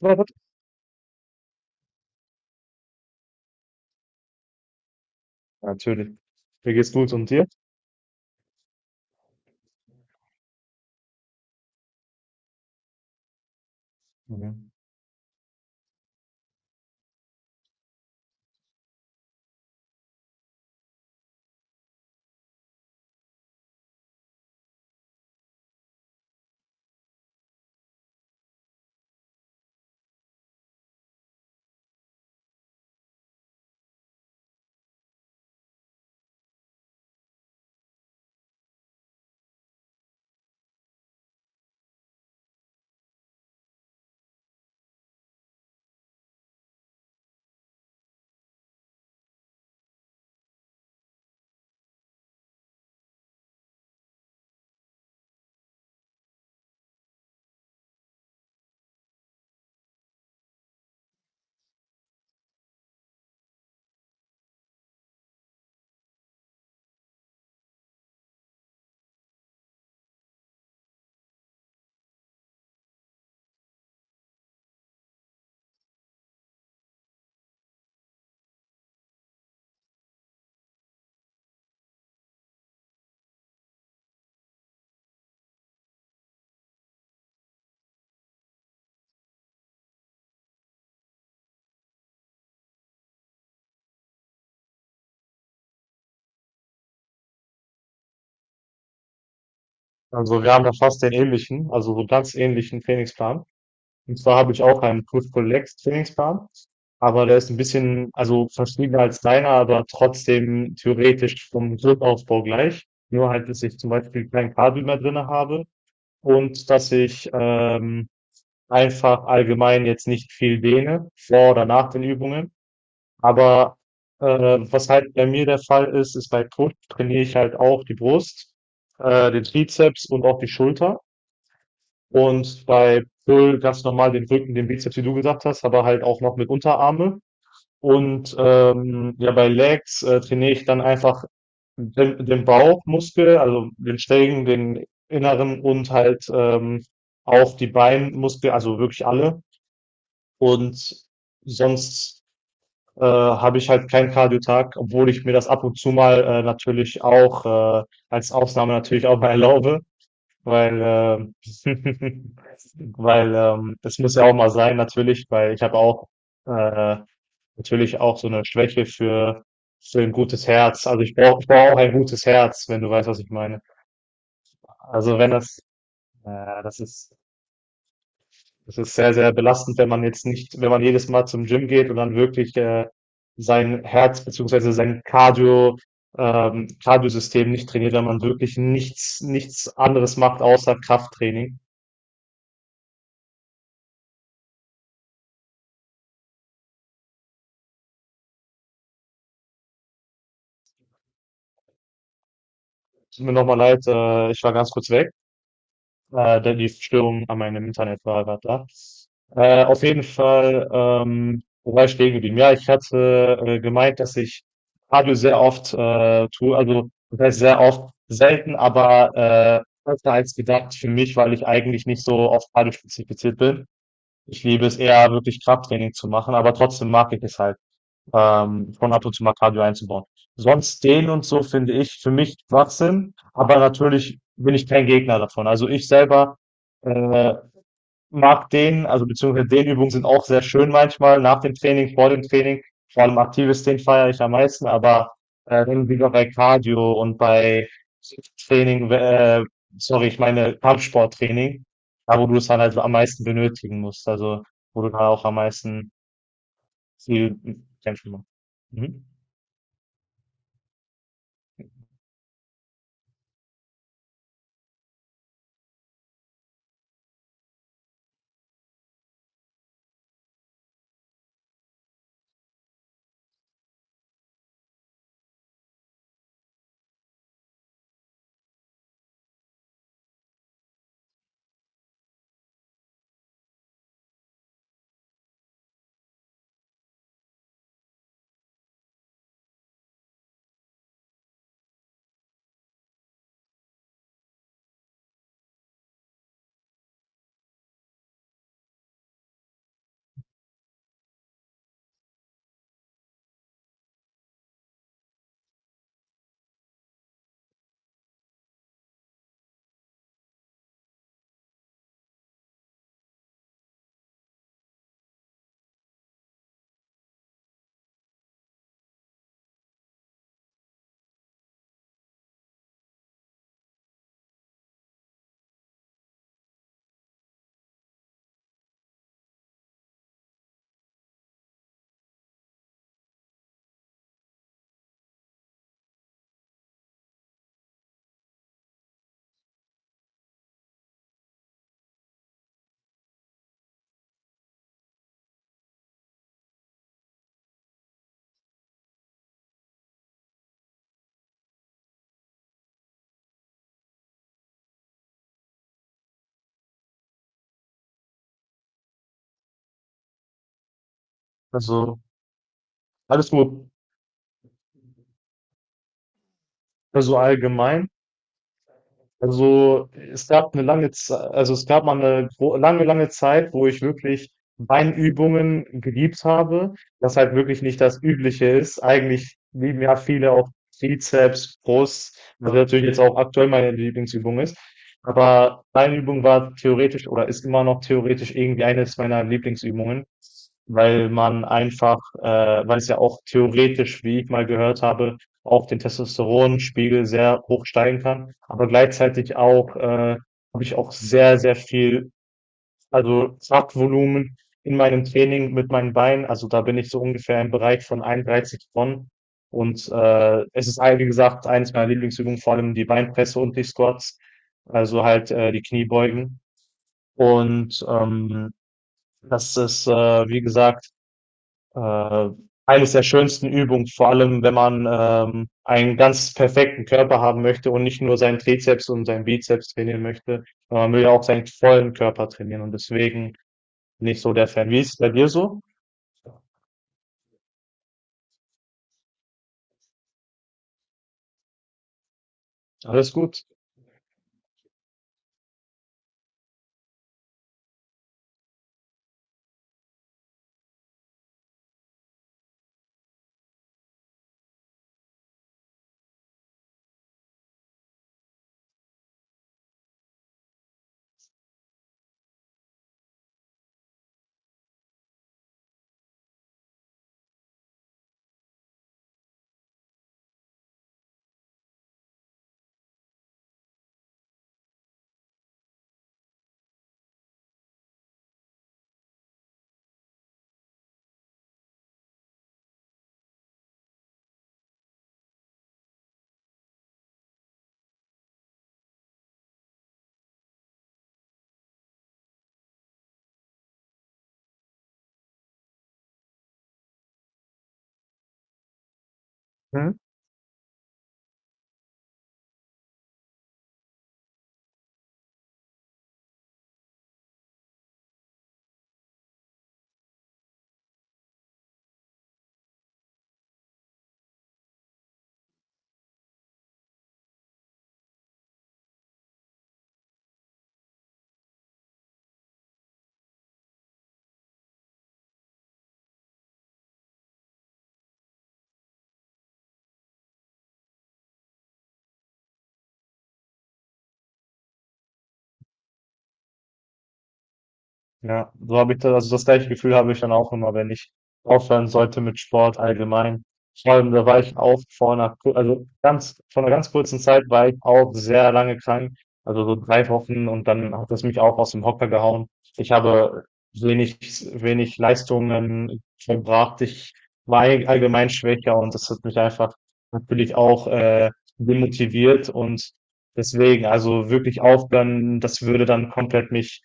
Ja, natürlich. Mir geht's gut und dir? Mhm. Also wir haben da fast den ähnlichen, also so ganz ähnlichen Trainingsplan. Und zwar habe ich auch einen Push-Pull-Legs-Trainingsplan, aber der ist ein bisschen, also verschiedener als deiner, aber trotzdem theoretisch vom Grundaufbau gleich. Nur halt, dass ich zum Beispiel kein Kabel mehr drinne habe und dass ich einfach allgemein jetzt nicht viel dehne, vor oder nach den Übungen. Aber was halt bei mir der Fall ist, ist bei Push trainiere ich halt auch die Brust, den Trizeps und auch die Schulter. Und bei Pull ganz normal den Rücken, den Bizeps, wie du gesagt hast, aber halt auch noch mit Unterarme. Und ja, bei Legs trainiere ich dann einfach den Bauchmuskel, also den schrägen, den inneren und halt auch die Beinmuskel, also wirklich alle. Und sonst habe ich halt keinen Cardio-Tag, obwohl ich mir das ab und zu mal natürlich auch äh, als Ausnahme natürlich auch mal erlaube, weil weil das muss ja auch mal sein natürlich, weil ich habe auch äh, natürlich auch so eine Schwäche für ein gutes Herz. Also ich brauche auch ein gutes Herz, wenn du weißt, was ich meine. Also wenn das das ist Das ist sehr, sehr belastend, wenn man jetzt nicht, wenn man jedes Mal zum Gym geht und dann wirklich sein Herz beziehungsweise sein Cardio, Cardiosystem nicht trainiert, wenn man wirklich nichts, nichts anderes macht außer Krafttraining. Tut mir nochmal leid, ich war ganz kurz weg. Da die Störung an meinem Internet war gerade da. Auf jeden Fall, wo war ich stehen geblieben? Ja, ich hatte, gemeint, dass ich Radio sehr oft, tue. Also, das heißt sehr oft, selten, aber, öfter als gedacht für mich, weil ich eigentlich nicht so auf Radio spezifiziert bin. Ich liebe es eher, wirklich Krafttraining zu machen, aber trotzdem mag ich es halt schon ab und zu mal Cardio einzubauen. Sonst den und so finde ich für mich Schwachsinn, aber natürlich bin ich kein Gegner davon. Also ich selber äh, mag den, also beziehungsweise Dehnübungen sind auch sehr schön manchmal, nach dem Training. Vor allem aktives Dehnen feiere ich am meisten, aber dann wieder bei Cardio und bei Training, sorry, ich meine Kampfsporttraining, da wo du es dann halt am meisten benötigen musst, also wo du da auch am meisten viel kämpfen musst. Mhm. Also, alles nur also allgemein. Also, es gab eine lange Zeit, also, es gab mal eine gro lange, lange Zeit, wo ich wirklich Beinübungen geliebt habe, das halt wirklich nicht das Übliche ist. Eigentlich lieben ja viele auch Trizeps, Brust, was natürlich jetzt auch aktuell meine Lieblingsübung ist. Aber Beinübung war theoretisch oder ist immer noch theoretisch irgendwie eines meiner Lieblingsübungen, weil man einfach, weil es ja auch theoretisch, wie ich mal gehört habe, auch den Testosteronspiegel sehr hoch steigen kann, aber gleichzeitig auch habe ich auch sehr, sehr viel, also Kraftvolumen in meinem Training mit meinen Beinen. Also da bin ich so ungefähr im Bereich von 31 Tonnen. Und es ist, wie gesagt, eines meiner Lieblingsübungen, vor allem die Beinpresse und die Squats, also halt die Kniebeugen. Und das ist, wie gesagt, äh, eines der schönsten Übungen, vor allem wenn man einen ganz perfekten Körper haben möchte und nicht nur seinen Trizeps und seinen Bizeps trainieren möchte. Man will ja auch seinen vollen Körper trainieren und deswegen bin ich so der Fan. Wie ist es bei dir so? Alles gut? Mhm. Ja, so habe ich das, also das gleiche Gefühl habe ich dann auch immer, wenn ich aufhören sollte mit Sport allgemein. Vor allem, da war ich auch vor einer, also ganz, vor einer ganz kurzen Zeit war ich auch sehr lange krank, also so 3 Wochen, und dann hat das mich auch aus dem Hocker gehauen. Ich habe wenig, wenig Leistungen verbracht. Ich war allgemein schwächer und das hat mich einfach natürlich auch demotiviert und deswegen, also wirklich aufhören, das würde dann komplett mich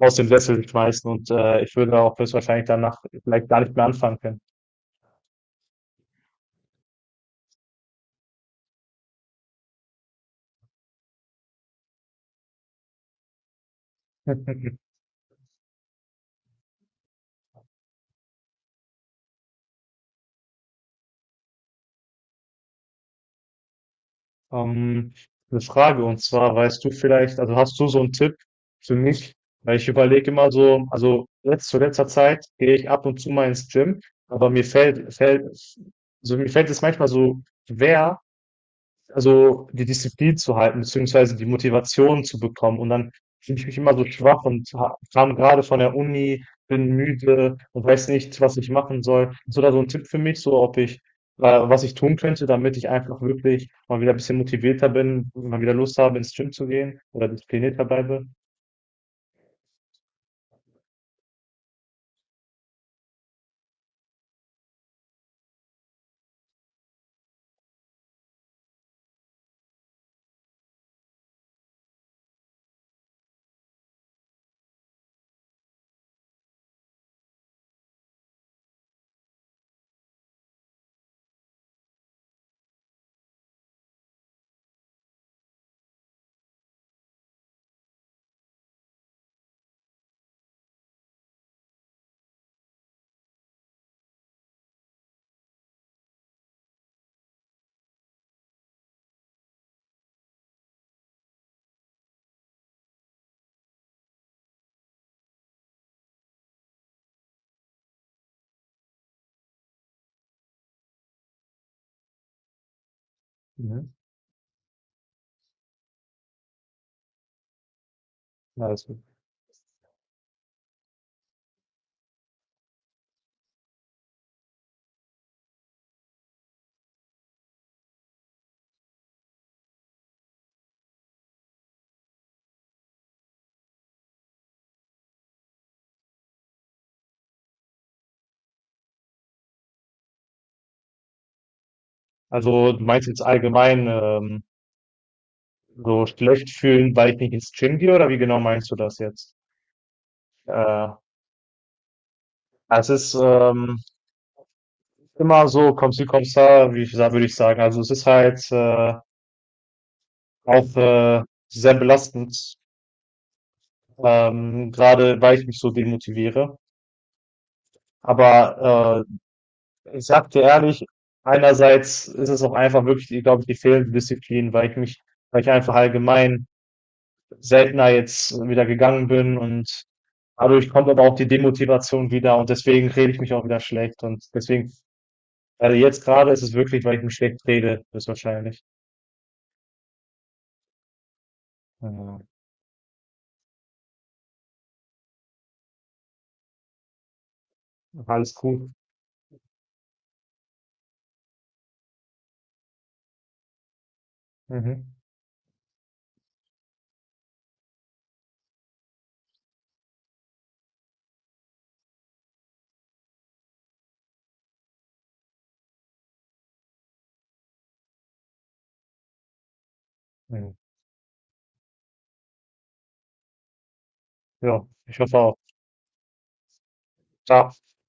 aus dem Sessel schmeißen und ich würde auch höchstwahrscheinlich danach vielleicht gar nicht mehr anfangen können. Ähm, eine Frage, und zwar, weißt du vielleicht, also hast du so einen Tipp für mich? Weil ich überlege immer so, also jetzt zu letzter Zeit gehe ich ab und zu mal ins Gym, aber mir fällt, also mir fällt es manchmal so schwer, also die Disziplin zu halten, beziehungsweise die Motivation zu bekommen. Und dann fühle ich mich immer so schwach und kam gerade von der Uni, bin müde und weiß nicht, was ich machen soll. Hast du da so ein Tipp für mich, so ob ich, was ich tun könnte, damit ich einfach wirklich mal wieder ein bisschen motivierter bin, mal wieder Lust habe, ins Gym zu gehen oder disziplinierter bleibe? Mhm. Ja. Also, du meinst jetzt allgemein, so schlecht fühlen, weil ich nicht ins Gym gehe, oder wie genau meinst du das jetzt? Äh, Es ist, immer so kommst da, wie ich würde ich sagen. Also es ist halt auch sehr belastend, gerade weil ich mich so demotiviere. Aber ich sag dir ehrlich, einerseits ist es auch einfach wirklich, glaube ich, die fehlende Disziplin, weil ich mich, weil ich einfach allgemein seltener jetzt wieder gegangen bin, und dadurch kommt aber auch die Demotivation wieder und deswegen rede ich mich auch wieder schlecht, und deswegen, also jetzt gerade ist es wirklich, weil ich mich schlecht rede, ist wahrscheinlich. Ja, alles gut. Mhm. Mhm. Ja, ich hoffe auch. Ciao.